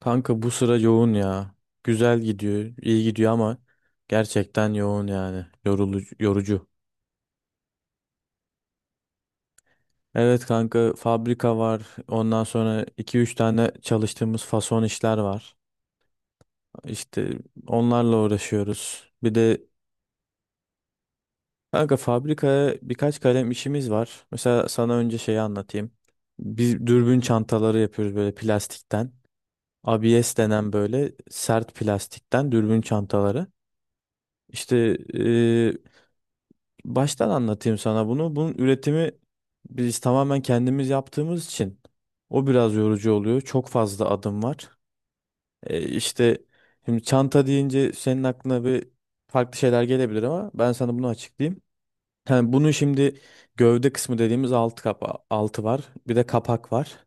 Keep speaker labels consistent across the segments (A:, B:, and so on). A: Kanka bu sıra yoğun ya. Güzel gidiyor, iyi gidiyor ama gerçekten yoğun yani. Yorulucu, yorucu. Evet kanka, fabrika var. Ondan sonra iki üç tane çalıştığımız fason işler var. İşte onlarla uğraşıyoruz. Bir de kanka, fabrikaya birkaç kalem işimiz var. Mesela sana önce şeyi anlatayım. Biz dürbün çantaları yapıyoruz böyle plastikten. ABS denen böyle sert plastikten dürbün çantaları. İşte baştan anlatayım sana bunu. Bunun üretimi biz tamamen kendimiz yaptığımız için o biraz yorucu oluyor. Çok fazla adım var. İşte şimdi çanta deyince senin aklına bir farklı şeyler gelebilir ama ben sana bunu açıklayayım. Yani bunun şimdi gövde kısmı dediğimiz alt kapağı, altı var. Bir de kapak var.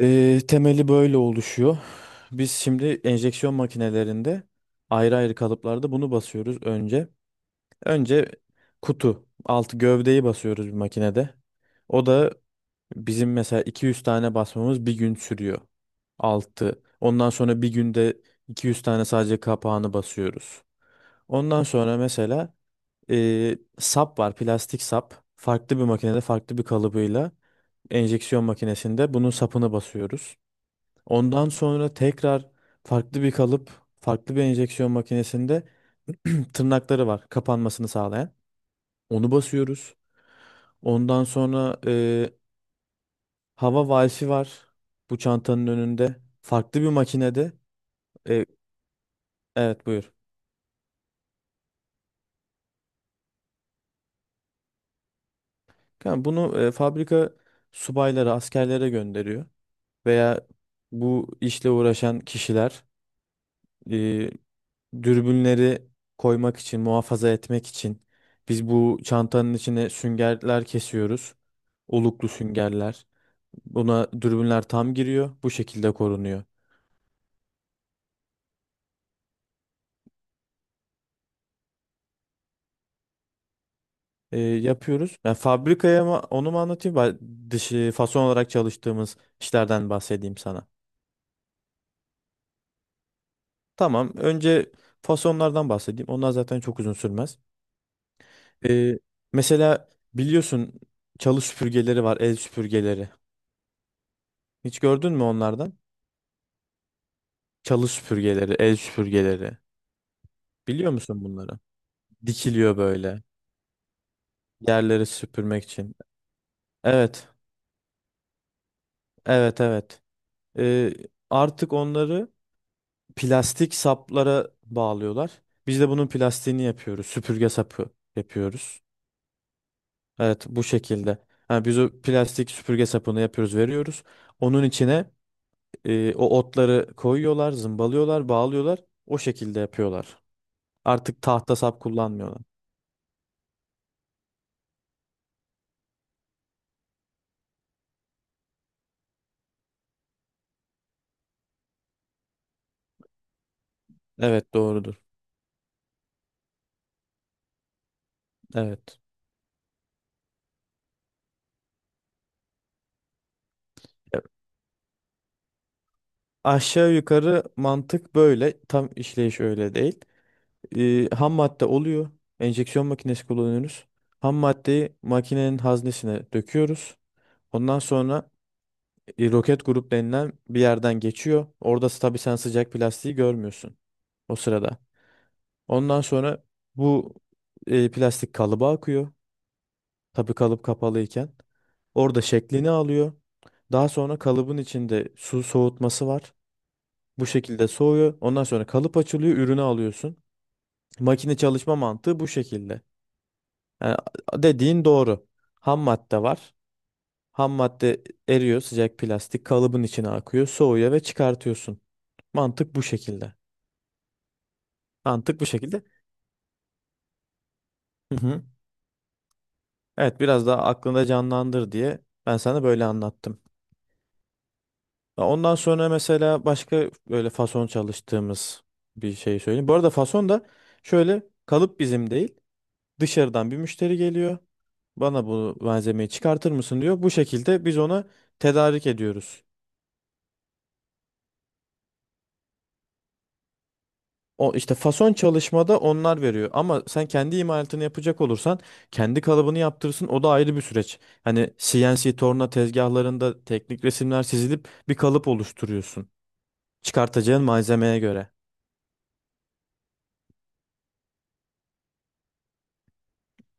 A: Temeli böyle oluşuyor. Biz şimdi enjeksiyon makinelerinde ayrı ayrı kalıplarda bunu basıyoruz önce. Önce kutu, altı gövdeyi basıyoruz bir makinede. O da bizim mesela 200 tane basmamız bir gün sürüyor. Altı. Ondan sonra bir günde 200 tane sadece kapağını basıyoruz. Ondan sonra mesela sap var, plastik sap. Farklı bir makinede, farklı bir kalıbıyla enjeksiyon makinesinde bunun sapını basıyoruz. Ondan sonra tekrar farklı bir kalıp, farklı bir enjeksiyon makinesinde tırnakları var, kapanmasını sağlayan. Onu basıyoruz. Ondan sonra hava valfi var bu çantanın önünde. Farklı bir makinede. E, evet buyur. Kanka bunu fabrika subayları, askerlere gönderiyor. Veya bu işle uğraşan kişiler e, dürbünleri koymak için, muhafaza etmek için biz bu çantanın içine süngerler kesiyoruz. Oluklu süngerler. Buna dürbünler tam giriyor. Bu şekilde korunuyor. Yapıyoruz. Yani fabrikaya mı, onu mu anlatayım? Ben dışı fason olarak çalıştığımız işlerden bahsedeyim sana. Tamam. Önce fasonlardan bahsedeyim. Onlar zaten çok uzun sürmez. E, Mesela biliyorsun çalı süpürgeleri var, el süpürgeleri. Hiç gördün mü onlardan? Çalı süpürgeleri, el süpürgeleri. Biliyor musun bunları? Dikiliyor böyle yerleri süpürmek için. Evet, evet, evet. E, Artık onları plastik saplara bağlıyorlar. Biz de bunun plastiğini yapıyoruz. Süpürge sapı yapıyoruz. Evet, bu şekilde. Ha, biz o plastik süpürge sapını yapıyoruz, veriyoruz. Onun içine o otları koyuyorlar, zımbalıyorlar, bağlıyorlar. O şekilde yapıyorlar. Artık tahta sap kullanmıyorlar. Evet doğrudur. Evet. Ya, aşağı yukarı mantık böyle. Tam işleyiş öyle değil. Ham madde oluyor. Enjeksiyon makinesi kullanıyoruz. Ham maddeyi makinenin haznesine döküyoruz. Ondan sonra roket grup denilen bir yerden geçiyor. Orada tabii sen sıcak plastiği görmüyorsun o sırada. Ondan sonra bu plastik kalıba akıyor. Tabii kalıp kapalıyken. Orada şeklini alıyor. Daha sonra kalıbın içinde su soğutması var. Bu şekilde soğuyor. Ondan sonra kalıp açılıyor, ürünü alıyorsun. Makine çalışma mantığı bu şekilde. Yani dediğin doğru. Ham madde var. Ham madde eriyor, sıcak plastik kalıbın içine akıyor, soğuyor ve çıkartıyorsun. Mantık bu şekilde. Mantık bu şekilde. Hı hı. Evet, biraz daha aklında canlandır diye ben sana böyle anlattım. Ya, ondan sonra mesela başka böyle fason çalıştığımız bir şey söyleyeyim. Bu arada fason da şöyle, kalıp bizim değil, dışarıdan bir müşteri geliyor. Bana bu malzemeyi çıkartır mısın diyor. Bu şekilde biz ona tedarik ediyoruz. O işte fason çalışmada onlar veriyor ama sen kendi imalatını yapacak olursan kendi kalıbını yaptırırsın, o da ayrı bir süreç. Hani CNC torna tezgahlarında teknik resimler çizilip bir kalıp oluşturuyorsun çıkartacağın malzemeye göre.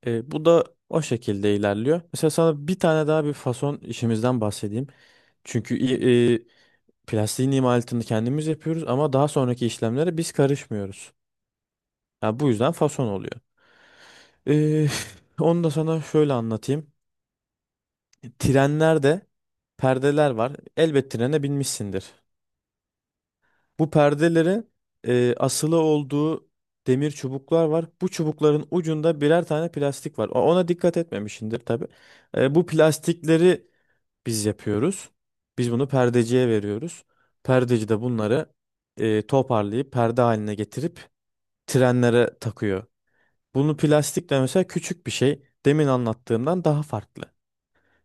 A: Bu da o şekilde ilerliyor. Mesela sana bir tane daha bir fason işimizden bahsedeyim. Çünkü plastiğin imalatını kendimiz yapıyoruz ama daha sonraki işlemlere biz karışmıyoruz. Ya bu yüzden fason oluyor. E, Onu da sana şöyle anlatayım. Trenlerde perdeler var. Elbet trene binmişsindir. Bu perdelerin asılı olduğu demir çubuklar var. Bu çubukların ucunda birer tane plastik var. Ona dikkat etmemişsindir tabii. Bu plastikleri biz yapıyoruz. Biz bunu perdeciye veriyoruz. Perdeci de bunları toparlayıp perde haline getirip trenlere takıyor. Bunu plastik de mesela küçük bir şey. Demin anlattığımdan daha farklı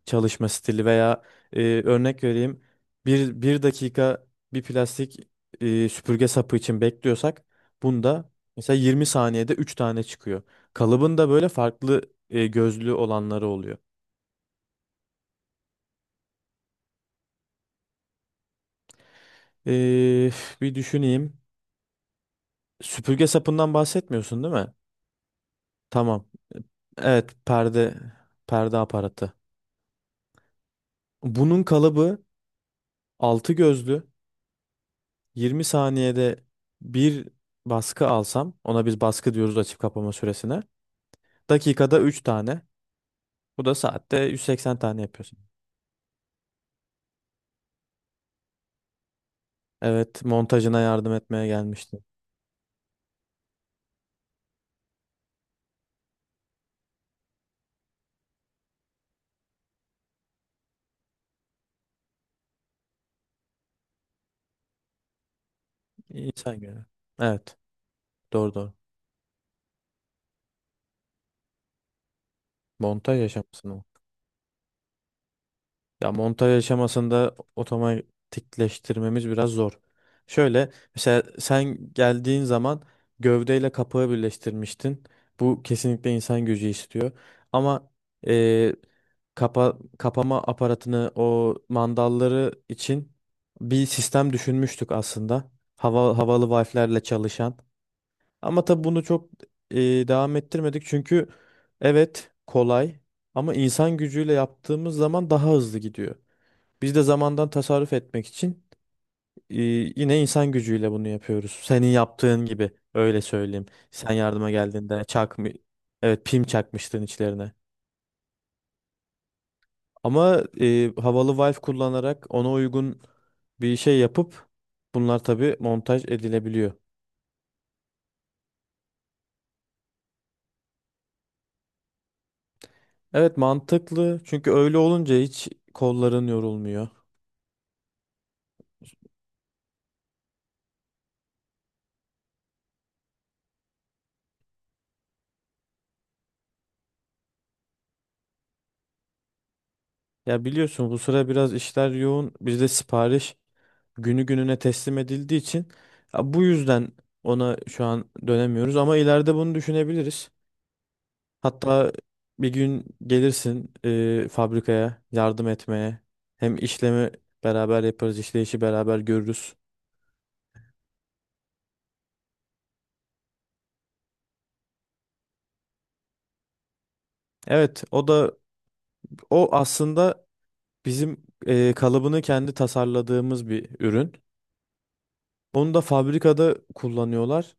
A: çalışma stili veya örnek vereyim, bir dakika, bir plastik süpürge sapı için bekliyorsak bunda mesela 20 saniyede 3 tane çıkıyor. Kalıbın da böyle farklı gözlü olanları oluyor. E, Bir düşüneyim. Süpürge sapından bahsetmiyorsun değil mi? Tamam. Evet, perde aparatı. Bunun kalıbı 6 gözlü, 20 saniyede bir baskı alsam, ona biz baskı diyoruz, açıp kapama süresine. Dakikada 3 tane. Bu da saatte 180 tane yapıyorsun. Evet, montajına yardım etmeye gelmişti. İnsan göre. Evet, doğru doğru. Montaj yaşamışsın o. Ya montaj aşamasında otomatikleştirmemiz biraz zor. Şöyle, mesela sen geldiğin zaman gövdeyle kapağı birleştirmiştin. Bu kesinlikle insan gücü istiyor. Ama eee, kapama aparatını o mandalları için bir sistem düşünmüştük aslında. Havalı valflerle çalışan. Ama tabii bunu çok devam ettirmedik çünkü evet kolay ama insan gücüyle yaptığımız zaman daha hızlı gidiyor. Biz de zamandan tasarruf etmek için e, yine insan gücüyle bunu yapıyoruz. Senin yaptığın gibi öyle söyleyeyim. Sen yardıma geldiğinde çakmı evet pim çakmıştın içlerine. Ama havalı valve kullanarak ona uygun bir şey yapıp bunlar tabii montaj edilebiliyor. Evet, mantıklı çünkü öyle olunca hiç kolların yorulmuyor. Ya biliyorsun bu sıra biraz işler yoğun. Biz de sipariş günü gününe teslim edildiği için ya bu yüzden ona şu an dönemiyoruz ama ileride bunu düşünebiliriz. Hatta bir gün gelirsin fabrikaya yardım etmeye. Hem işlemi beraber yaparız, işleyişi beraber görürüz. Evet, o da o aslında bizim kalıbını kendi tasarladığımız bir ürün. Onu da fabrikada kullanıyorlar.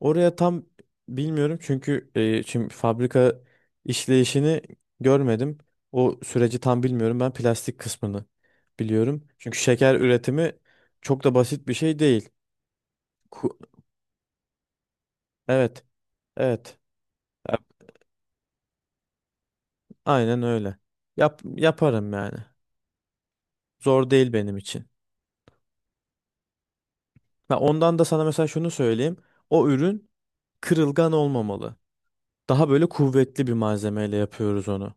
A: Oraya tam bilmiyorum çünkü şimdi fabrika işleyişini görmedim. O süreci tam bilmiyorum. Ben plastik kısmını biliyorum. Çünkü şeker üretimi çok da basit bir şey değil. Ku- evet, evet. Ya- Aynen öyle. Yaparım yani. Zor değil benim için. Ya, ondan da sana mesela şunu söyleyeyim. O ürün kırılgan olmamalı. Daha böyle kuvvetli bir malzemeyle yapıyoruz onu.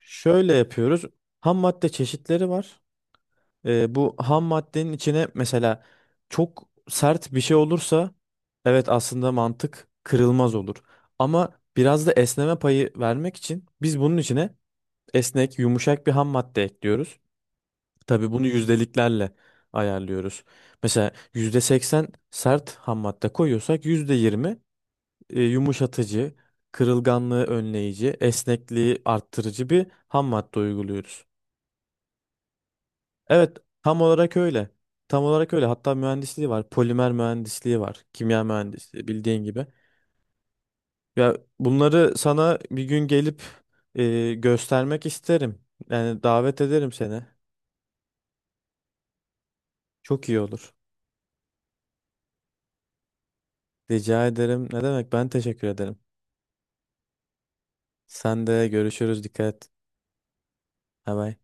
A: Şöyle yapıyoruz. Ham madde çeşitleri var. Bu ham maddenin içine mesela çok sert bir şey olursa evet aslında mantık kırılmaz olur. Ama biraz da esneme payı vermek için biz bunun içine esnek, yumuşak bir ham madde ekliyoruz. Tabii bunu yüzdeliklerle ayarlıyoruz. Mesela %80 sert ham madde koyuyorsak %20 yumuşatıcı, kırılganlığı önleyici, esnekliği arttırıcı bir ham madde uyguluyoruz. Evet, tam olarak öyle. Tam olarak öyle. Hatta mühendisliği var. Polimer mühendisliği var. Kimya mühendisliği bildiğin gibi. Ya bunları sana bir gün gelip göstermek isterim. Yani davet ederim seni. Çok iyi olur. Rica ederim. Ne demek? Ben teşekkür ederim. Sen de görüşürüz. Dikkat et. Bye bye.